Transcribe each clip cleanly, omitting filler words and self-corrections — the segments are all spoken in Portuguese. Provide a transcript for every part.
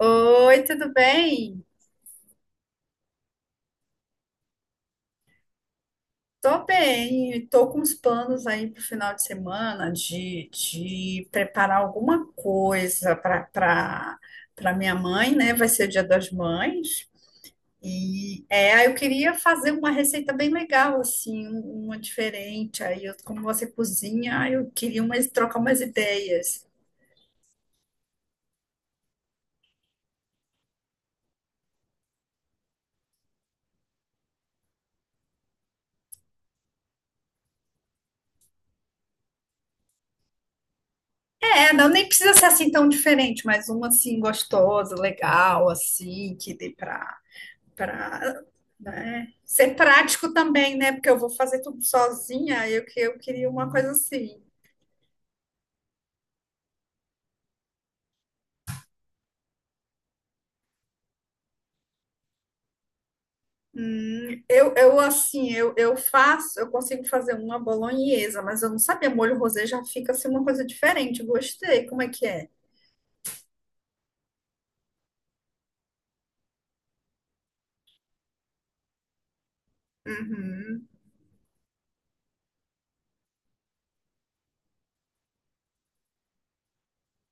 Oi, tudo bem? Tô bem, tô com uns planos aí pro final de semana de preparar alguma coisa para minha mãe, né? Vai ser o Dia das Mães. E é, aí eu queria fazer uma receita bem legal, assim, uma diferente. Aí, eu, como você cozinha, aí eu queria umas, trocar umas ideias. É, não, nem precisa ser assim tão diferente, mas uma assim gostosa, legal, assim, que dê para Pra, né, ser prático também, né? Porque eu vou fazer tudo sozinha, eu, eu queria uma coisa assim. Eu assim, eu faço, eu consigo fazer uma bolonhesa, mas eu não sabia, molho rosé já fica assim uma coisa diferente. Gostei, como é que é? Uhum,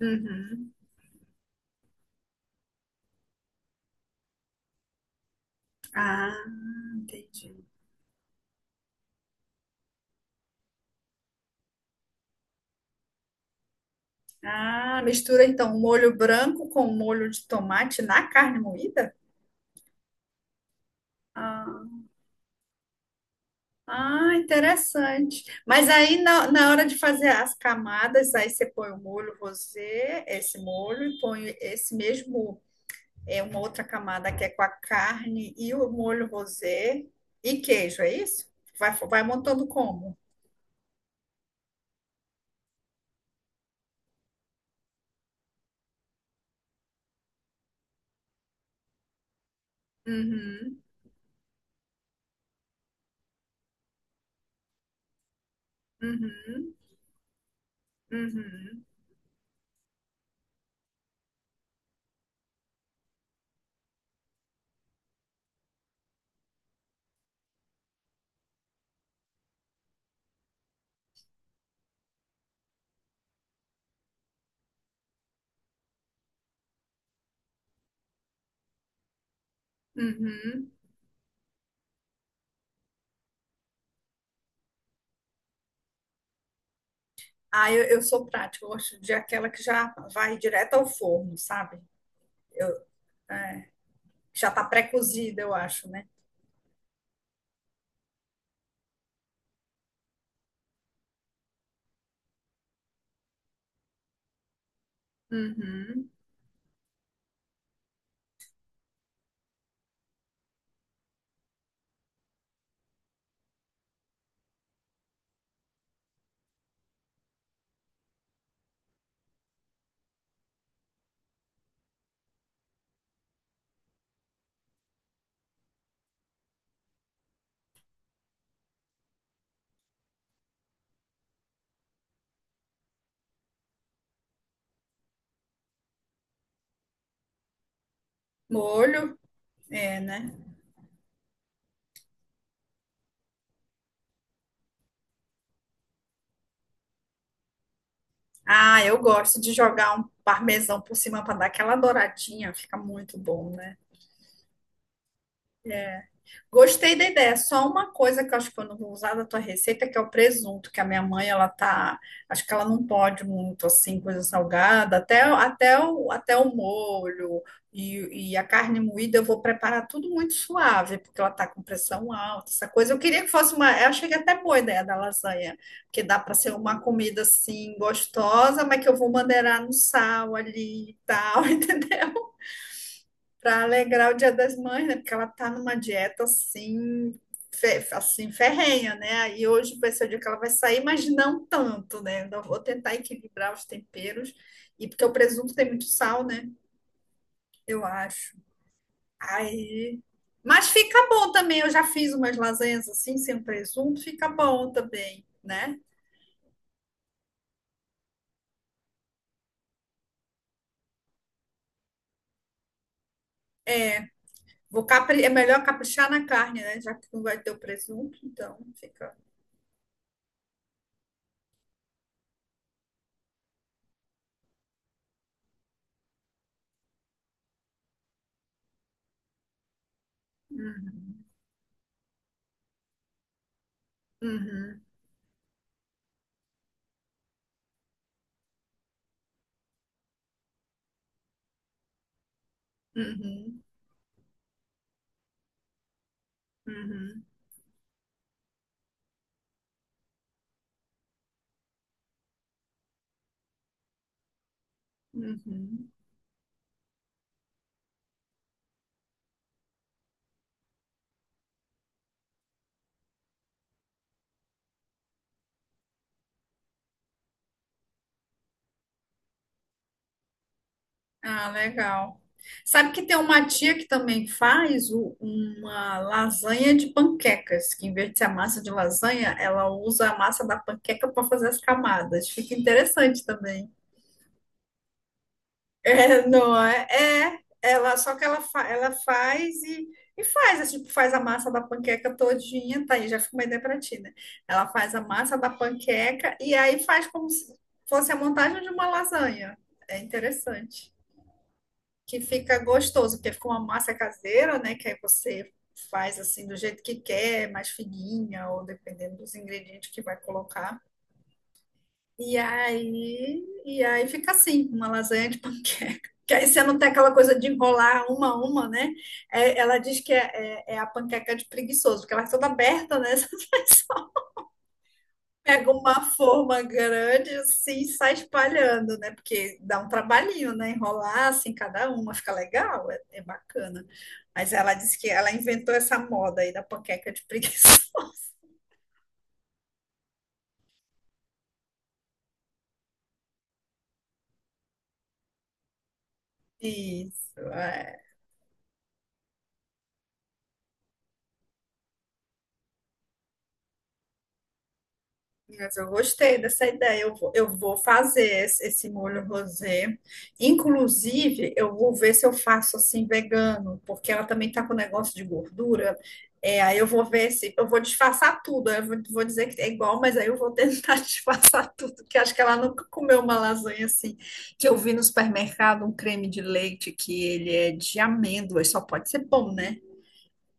uhum. Ah, entendi. Ah, mistura então molho branco com molho de tomate na carne moída? Ah. Ah, interessante. Mas aí na hora de fazer as camadas, aí você põe o molho rosé, esse molho, e põe esse mesmo, é uma outra camada que é com a carne e o molho rosé e queijo, é isso? Vai montando como? Uhum, uhum, uhum, uhum. Ah, eu sou prática, eu gosto de aquela que já vai direto ao forno, sabe? Eu, é, já tá pré-cozida, eu acho, né? Uhum. Molho. É, né? Ah, eu gosto de jogar um parmesão por cima para dar aquela douradinha, fica muito bom, né? Gostei da ideia. Só uma coisa que eu acho que eu não vou usar da tua receita, que é o presunto, que a minha mãe, ela tá, acho que ela não pode muito assim, coisa salgada, até o, até o molho e a carne moída eu vou preparar tudo muito suave, porque ela tá com pressão alta, essa coisa. Eu queria que fosse uma, eu achei que até boa a ideia da lasanha, que dá para ser uma comida assim gostosa, mas que eu vou maneirar no sal ali e tal, entendeu? Para alegrar o Dia das Mães, né? Porque ela tá numa dieta assim, assim ferrenha, né? Aí hoje vai ser o dia que ela vai sair, mas não tanto, né? Ainda vou tentar equilibrar os temperos. E porque o presunto tem muito sal, né? Eu acho. Aí. Mas fica bom também. Eu já fiz umas lasanhas assim, sem presunto, fica bom também, né? É melhor caprichar na carne, né? Já que não vai ter o presunto, então fica. Uhum, uhum, uhum, uhum, uhum. Ah, legal. Sabe que tem uma tia que também faz uma lasanha de panquecas, que em vez de ser a massa de lasanha, ela usa a massa da panqueca para fazer as camadas. Fica interessante também. É, não é? É, ela, só que ela, ela faz e faz, assim, tipo, faz a massa da panqueca todinha, tá aí, já fica uma ideia pra ti, né? Ela faz a massa da panqueca e aí faz como se fosse a montagem de uma lasanha. É interessante. Que fica gostoso, porque fica uma massa caseira, né? Que aí você faz assim do jeito que quer, mais fininha, ou dependendo dos ingredientes que vai colocar. E aí fica assim, uma lasanha de panqueca. Que aí você não tem aquela coisa de enrolar uma a uma, né? É, ela diz que é, é a panqueca de preguiçoso, porque ela é toda aberta, né? Pega uma forma grande assim e sai espalhando, né? Porque dá um trabalhinho, né? Enrolar assim cada uma, fica legal, é, é bacana. Mas ela disse que ela inventou essa moda aí da panqueca de preguiçoso. Isso, é. Mas eu gostei dessa ideia. Eu vou fazer esse molho rosé. Inclusive, eu vou ver se eu faço assim vegano, porque ela também tá com negócio de gordura. É, aí eu vou ver se eu vou disfarçar tudo. Aí eu vou, vou dizer que é igual, mas aí eu vou tentar disfarçar tudo, que acho que ela nunca comeu uma lasanha assim. Que eu vi no supermercado um creme de leite que ele é de amêndoas, só pode ser bom, né?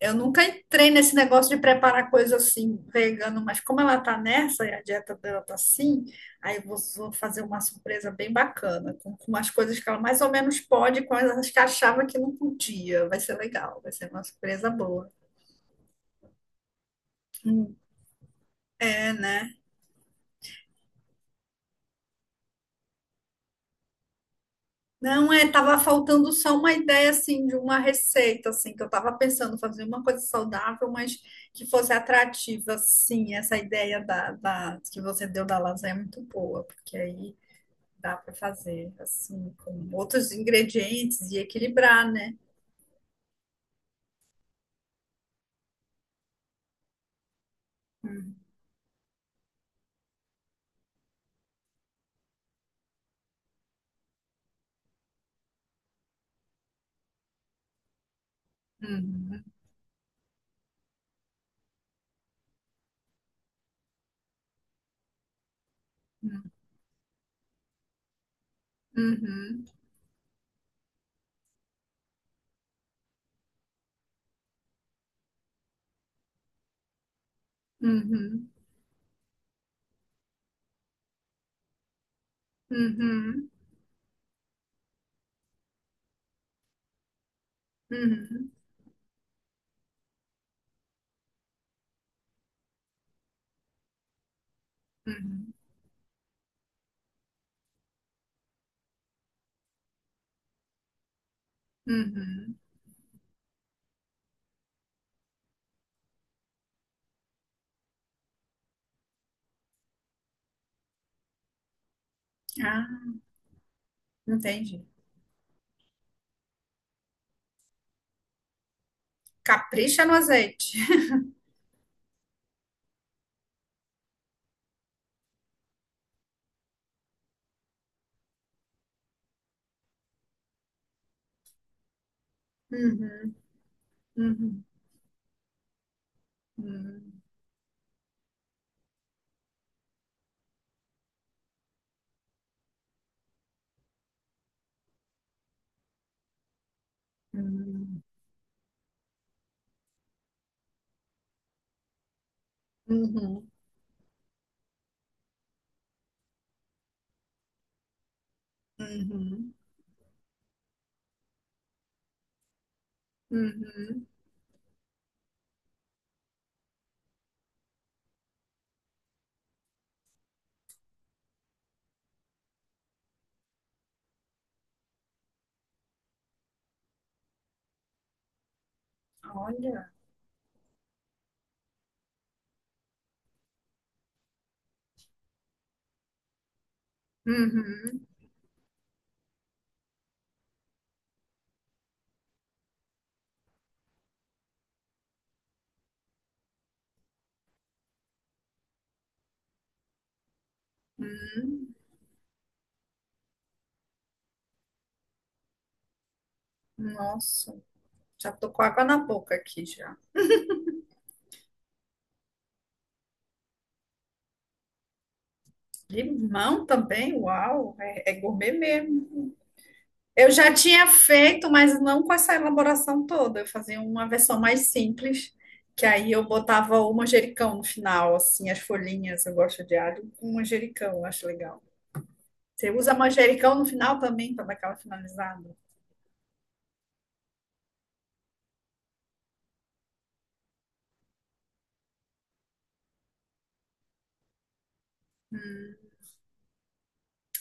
Eu nunca entrei nesse negócio de preparar coisa assim, vegano, mas como ela tá nessa e a dieta dela tá assim, aí eu vou, vou fazer uma surpresa bem bacana, com umas coisas que ela mais ou menos pode, com as que achava que não podia. Vai ser legal, vai ser uma surpresa boa. Hum, É, né? Não, é, tava faltando só uma ideia, assim, de uma receita, assim, que eu tava pensando fazer uma coisa saudável, mas que fosse atrativa, sim, essa ideia que você deu da lasanha é muito boa, porque aí dá para fazer assim, com outros ingredientes e equilibrar, né? Uhum, uhum, uhum, uhum, uhum, uhum, uhum, uhum. Ah, entendi. Capricha no azeite. Uhum, uhum, uhum, uhum, uhum, uhum, uhum. Olha. Uhum, uhum. Nossa, já tô com água na boca aqui já. Limão também, uau, é, é gourmet mesmo. Eu já tinha feito, mas não com essa elaboração toda. Eu fazia uma versão mais simples, que aí eu botava o manjericão no final, assim, as folhinhas. Eu gosto de alho com manjericão, eu acho legal. Você usa manjericão no final também para dar aquela finalizada.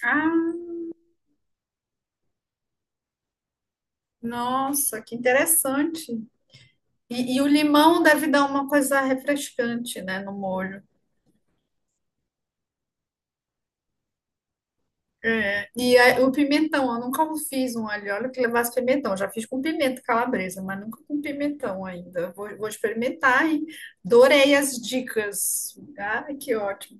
Ah, nossa, que interessante. E o limão deve dar uma coisa refrescante, né, no molho. É, e aí, o pimentão, eu nunca fiz um alho e óleo que levasse pimentão. Já fiz com pimenta calabresa, mas nunca com pimentão ainda. Vou experimentar e adorei as dicas. Ai, que ótimo.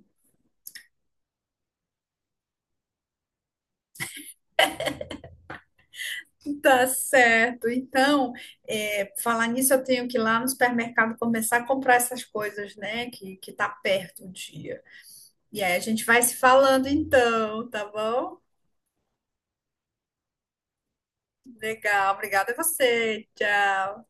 Tá certo. Então, é, falar nisso, eu tenho que ir lá no supermercado começar a comprar essas coisas, né? Que tá perto o dia. E aí a gente vai se falando então, tá bom? Legal. Obrigada a você. Tchau.